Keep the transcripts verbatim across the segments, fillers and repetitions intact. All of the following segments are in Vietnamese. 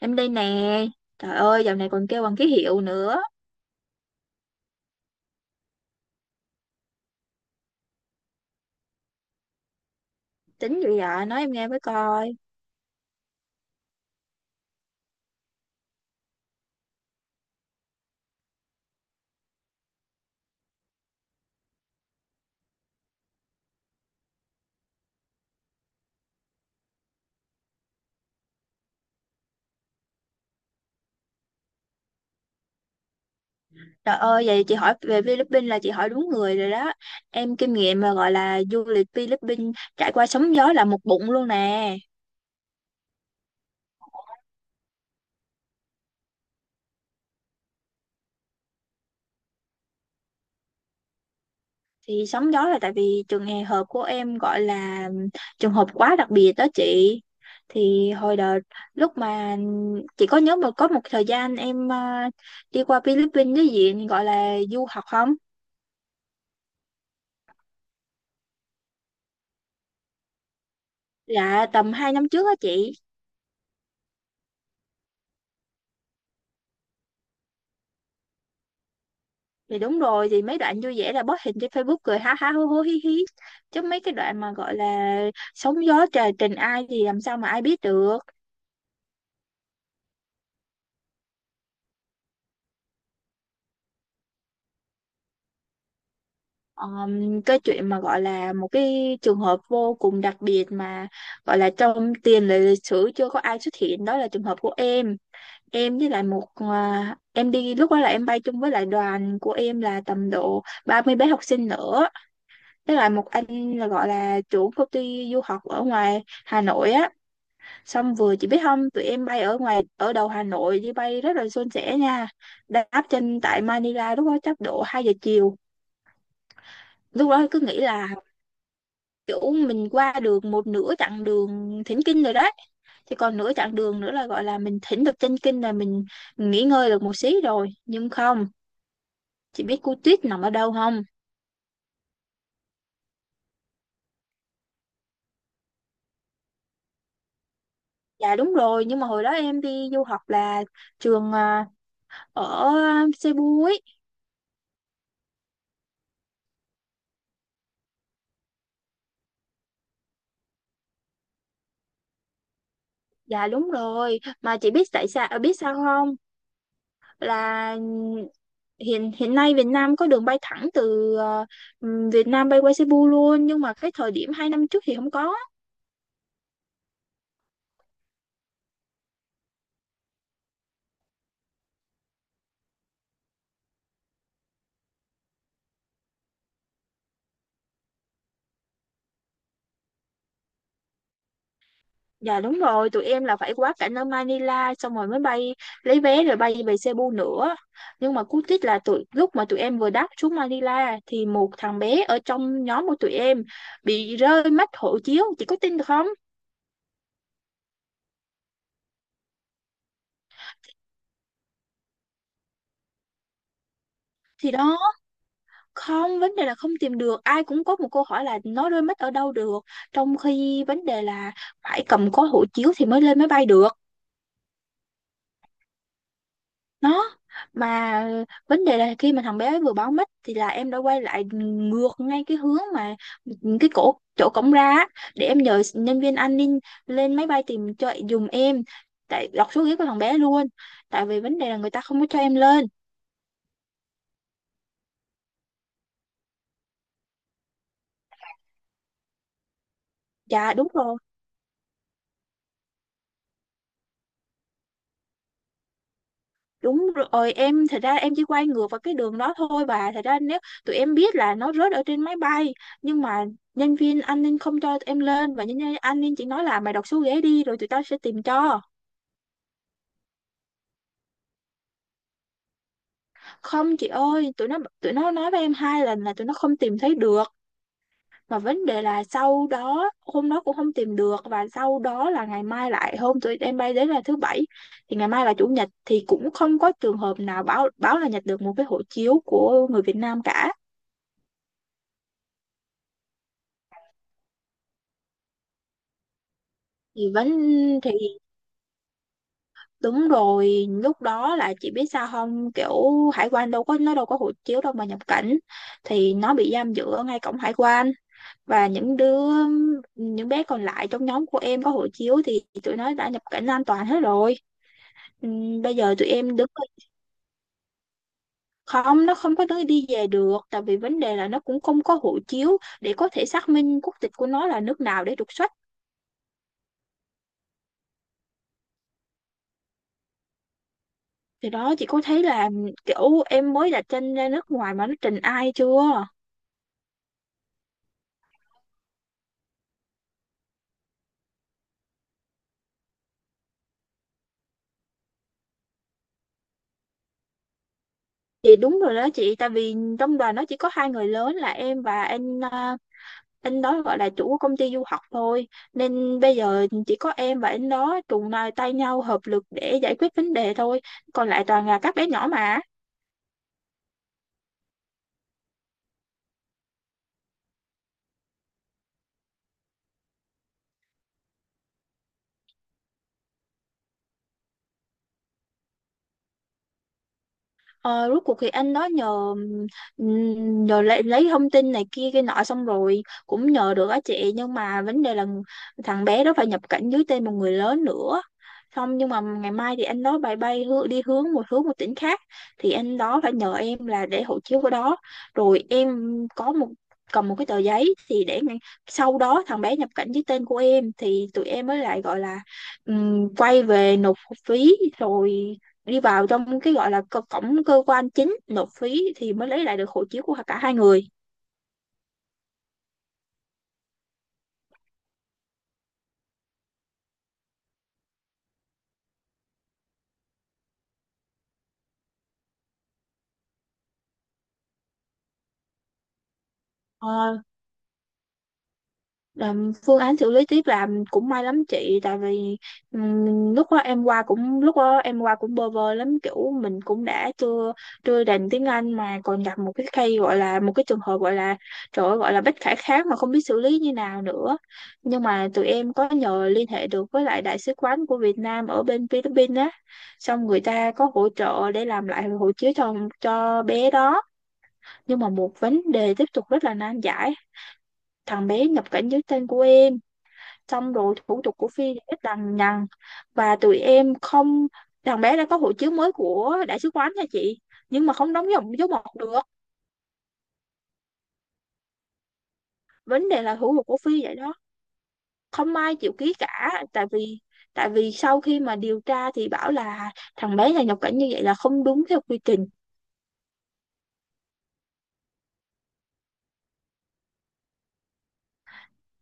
Em đây nè. Trời ơi, dạo này còn kêu bằng ký hiệu nữa. Tính gì vậy? à, Nói em nghe với coi. Trời ơi, vậy chị hỏi về Philippines là chị hỏi đúng người rồi đó. Em kinh nghiệm mà gọi là du lịch Philippines trải qua sóng gió là một bụng luôn nè. Thì sóng gió là tại vì trường hè hợp của em gọi là trường hợp quá đặc biệt đó chị. Thì hồi đợt lúc mà chị có nhớ mà có một thời gian em ờ, đi qua Philippines với diện gọi là du học không? Dạ tầm hai năm trước á chị. Thì đúng rồi, thì mấy đoạn vui vẻ là post hình trên Facebook cười ha ha hố hố hí hí, chứ mấy cái đoạn mà gọi là sóng gió trời tình ai thì làm sao mà ai biết được. Ờm, cái chuyện mà gọi là một cái trường hợp vô cùng đặc biệt mà gọi là trong tiền lệ lịch sử chưa có ai xuất hiện đó là trường hợp của em. Em với lại một à, em đi lúc đó là em bay chung với lại đoàn của em là tầm độ ba mươi bé học sinh nữa, với lại một anh là gọi là chủ công ty du học ở ngoài Hà Nội á. Xong vừa chị biết không, tụi em bay ở ngoài ở đầu Hà Nội đi bay rất là suôn sẻ nha. Đáp trên tại Manila lúc đó chắc độ hai giờ chiều. Lúc đó cứ nghĩ là kiểu mình qua được một nửa chặng đường thỉnh kinh rồi đấy. Thì còn nửa chặng đường nữa là gọi là mình thỉnh được chân kinh là mình nghỉ ngơi được một xí rồi. Nhưng không, chị biết cô Tuyết nằm ở đâu không? Dạ đúng rồi, nhưng mà hồi đó em đi du học là trường à, ở Cebu ấy. Dạ đúng rồi, mà chị biết tại sao ờ, biết sao không? Là hiện hiện nay Việt Nam có đường bay thẳng từ ờ, ừm, Việt Nam bay qua Cebu luôn, nhưng mà cái thời điểm hai năm trước thì không có. Dạ đúng rồi, tụi em là phải quá cảnh ở Manila xong rồi mới bay, lấy vé rồi bay về Cebu nữa. Nhưng mà cú tích là tụi lúc mà tụi em vừa đáp xuống Manila thì một thằng bé ở trong nhóm của tụi em bị rơi mất hộ chiếu, chị có tin được không? Thì đó, không vấn đề là không tìm được, ai cũng có một câu hỏi là nó rơi mất ở đâu được trong khi vấn đề là phải cầm có hộ chiếu thì mới lên máy bay được. Nó mà vấn đề là khi mà thằng bé vừa báo mất thì là em đã quay lại ngược ngay cái hướng mà cái cổ chỗ cổng ra á, để em nhờ nhân viên an ninh lên máy bay tìm cho dùm em, tại đọc số ghế của thằng bé luôn, tại vì vấn đề là người ta không có cho em lên. Dạ đúng rồi. Đúng rồi, em thật ra em chỉ quay ngược vào cái đường đó thôi bà. Thật ra nếu tụi em biết là nó rớt ở trên máy bay, nhưng mà nhân viên an ninh không cho tụi em lên, và nhân viên an ninh chỉ nói là mày đọc số ghế đi rồi tụi tao sẽ tìm cho. Không chị ơi, tụi nó tụi nó nói với em hai lần là tụi nó không tìm thấy được. Mà vấn đề là sau đó hôm đó cũng không tìm được, và sau đó là ngày mai lại hôm tụi em bay đến là thứ bảy thì ngày mai là chủ nhật thì cũng không có trường hợp nào báo báo là nhặt được một cái hộ chiếu của người Việt Nam cả. Thì vẫn thì Đúng rồi, lúc đó là chị biết sao không, kiểu hải quan đâu có, nó đâu có hộ chiếu đâu mà nhập cảnh, thì nó bị giam giữ ở ngay cổng hải quan. Và những đứa những bé còn lại trong nhóm của em có hộ chiếu thì tụi nó đã nhập cảnh an toàn hết rồi. Ừm, Bây giờ tụi em đứng không, nó không có đứa đi về được tại vì vấn đề là nó cũng không có hộ chiếu để có thể xác minh quốc tịch của nó là nước nào để trục xuất. Thì đó, chị có thấy là kiểu em mới đặt chân ra nước ngoài mà nó trình ai chưa? Chị đúng rồi đó chị, tại vì trong đoàn nó chỉ có hai người lớn là em và anh à, anh đó gọi là chủ của công ty du học thôi. Nên bây giờ chỉ có em và anh đó cùng là tay nhau hợp lực để giải quyết vấn đề thôi. Còn lại toàn là các bé nhỏ mà. Ờ, Rốt cuộc thì anh đó nhờ ừm, nhờ lấy, lấy thông tin này kia cái nọ xong rồi cũng nhờ được á chị, nhưng mà vấn đề là thằng bé đó phải nhập cảnh dưới tên một người lớn nữa. Xong nhưng mà ngày mai thì anh đó bay bay hư- đi hướng một hướng một tỉnh khác, thì anh đó phải nhờ em là để hộ chiếu của đó, rồi em có một cầm một cái tờ giấy thì để ngay- sau đó thằng bé nhập cảnh dưới tên của em thì tụi em mới lại gọi là ừm, quay về nộp phí rồi đi vào trong cái gọi là cơ- cổng cơ quan chính nộp phí thì mới lấy lại được hộ chiếu của cả hai người. Ờ, Làm phương án xử lý tiếp là cũng may lắm chị, tại vì ừm, lúc đó em qua cũng lúc đó em qua cũng bơ vơ lắm, kiểu mình cũng đã chưa chưa đành tiếng Anh mà còn gặp một cái case gọi là một cái trường hợp gọi là trời ơi, gọi là bất khả kháng mà không biết xử lý như nào nữa. Nhưng mà tụi em có nhờ liên hệ được với lại đại sứ quán của Việt Nam ở bên Philippines á, xong người ta có hỗ trợ để làm lại hộ chiếu cho cho bé đó. Nhưng mà một vấn đề tiếp tục rất là nan giải, thằng bé nhập cảnh dưới tên của em xong rồi thủ tục của Phi thì rất lằng nhằng, và tụi em không, thằng bé đã có hộ chiếu mới của đại sứ quán nha chị, nhưng mà không đóng dòng dấu mộc được. Vấn đề là thủ tục của Phi vậy đó, không ai chịu ký cả tại vì tại vì sau khi mà điều tra thì bảo là thằng bé này nhập cảnh như vậy là không đúng theo quy trình.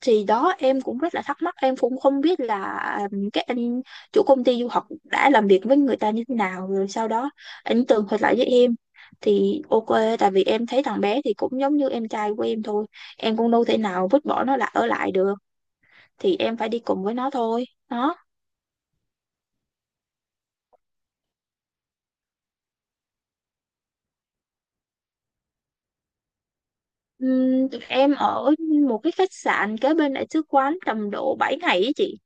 Thì đó em cũng rất là thắc mắc, em cũng không biết là ừm, các anh chủ công ty du học đã làm việc với người ta như thế nào, rồi sau đó anh tường thuật lại với em thì ok, tại vì em thấy thằng bé thì cũng giống như em trai của em thôi, em cũng đâu thể nào vứt bỏ nó lại ở lại được, thì em phải đi cùng với nó thôi đó. Ừm, em ở một cái khách sạn kế bên đại sứ quán tầm độ bảy ngày ấy chị.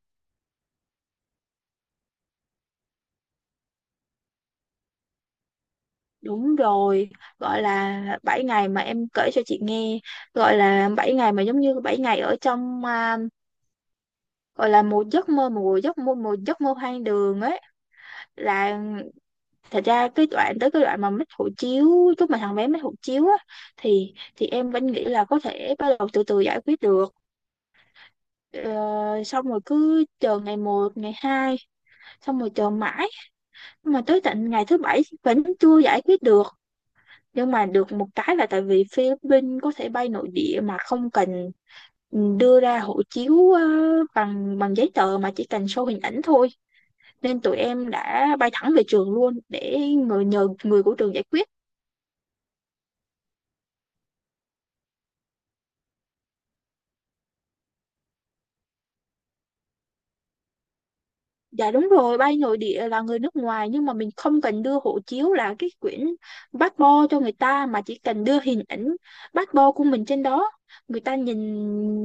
Đúng rồi, gọi là bảy ngày mà em kể cho chị nghe, gọi là bảy ngày mà giống như bảy ngày ở trong à, gọi là một giấc mơ, một giấc mơ một giấc mơ hoang đường ấy. Là thật ra cái đoạn tới cái đoạn mà mất hộ chiếu, lúc mà thằng bé mất hộ chiếu á thì thì em vẫn nghĩ là có thể bắt đầu từ từ giải quyết được. Ờ, Xong rồi cứ chờ ngày một ngày hai, xong rồi chờ mãi mà tới tận ngày thứ bảy vẫn chưa giải quyết được. Nhưng mà được một cái là tại vì Philippines có thể bay nội địa mà không cần ừ, đưa ra hộ chiếu ờ, bằng bằng giấy tờ mà chỉ cần show hình ảnh thôi, nên tụi em đã bay thẳng về trường luôn để người nhờ người của trường giải quyết. Dạ đúng rồi, bay nội địa là người nước ngoài nhưng mà mình không cần đưa hộ chiếu là cái quyển passport cho người ta, mà chỉ cần đưa hình ảnh passport của mình trên đó, người ta nhìn,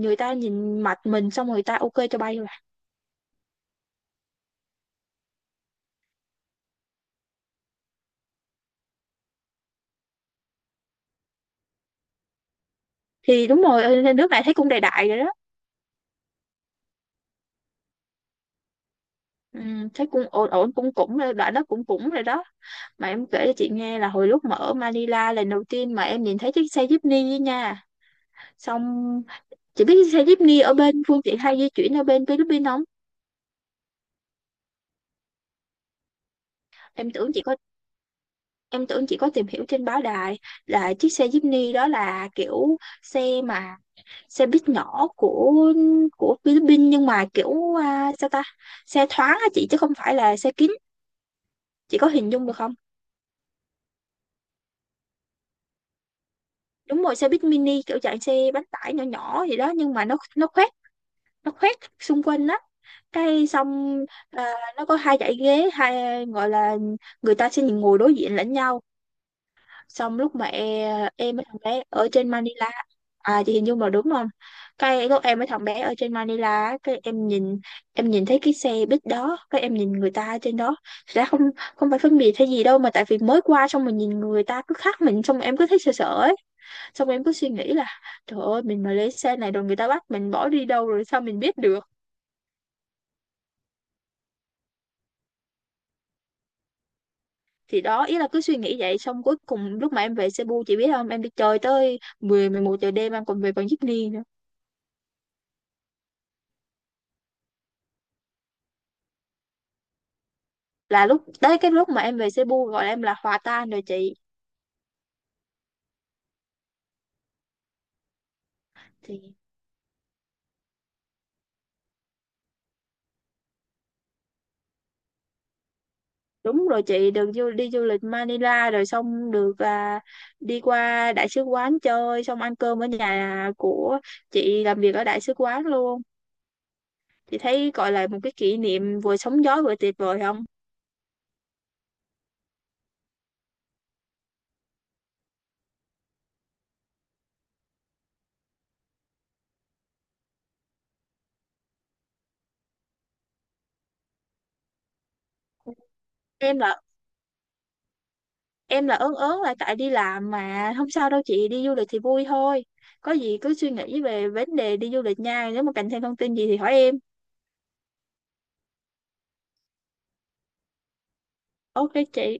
người ta nhìn mặt mình xong rồi người ta ok cho bay rồi. Thì đúng rồi, ở nước này thấy cũng đại đại rồi đó. Ừ, thế cũng ổn ổn cũng cũng rồi, đoạn đó cũng cũng rồi đó. Mà em kể cho chị nghe là hồi lúc mà ở Manila lần đầu tiên mà em nhìn thấy chiếc xe jeepney ấy nha, xong chị biết xe jeepney ở bên phương tiện hay di chuyển ở bên Philippines không? Em tưởng chị có em tưởng chị có tìm hiểu trên báo đài là chiếc xe jeepney đó là kiểu xe mà xe buýt nhỏ của của Philippines, nhưng mà kiểu à, sao ta xe thoáng á chị chứ không phải là xe kín, chị có hình dung được không? Đúng rồi, xe buýt mini kiểu dạng xe bánh tải nhỏ nhỏ gì đó, nhưng mà nó nó khoét, nó khoét xung quanh á. Cái xong à, nó có hai dãy ghế, hai gọi là người ta sẽ ngồi đối diện lẫn nhau, xong lúc mà e- em với thằng bé ở trên Manila. À, chị hình dung là đúng không? Cái lúc em với thằng bé ở trên Manila á, cái em nhìn, em nhìn thấy cái xe buýt đó cái em nhìn người ta trên đó. Thật ra không không phải phân biệt hay gì đâu, mà tại vì mới qua xong mình nhìn người ta cứ khác mình xong em cứ thấy sợ sợ ấy, xong em cứ suy nghĩ là trời ơi mình mà lấy xe này rồi người ta bắt mình bỏ đi đâu rồi sao mình biết được. Thì đó ý là cứ suy nghĩ vậy xong cuối cùng lúc mà em về Cebu chị biết không, em đi chơi tới mười, mười một giờ đêm em còn về bằng jeepney nữa. Là lúc tới cái lúc mà em về Cebu gọi em là hòa tan rồi chị. Thì đúng rồi, chị được du, đi du lịch Manila rồi xong được à, đi qua đại sứ quán chơi xong ăn cơm ở nhà của chị làm việc ở đại sứ quán luôn, chị thấy gọi là một cái kỷ niệm vừa sóng gió vừa tuyệt vời không? em là em là ớn ớn là tại đi làm mà không sao đâu chị, đi du lịch thì vui thôi, có gì cứ suy nghĩ về vấn đề đi du lịch nha, nếu mà cần thêm thông tin gì thì hỏi em. Ok chị.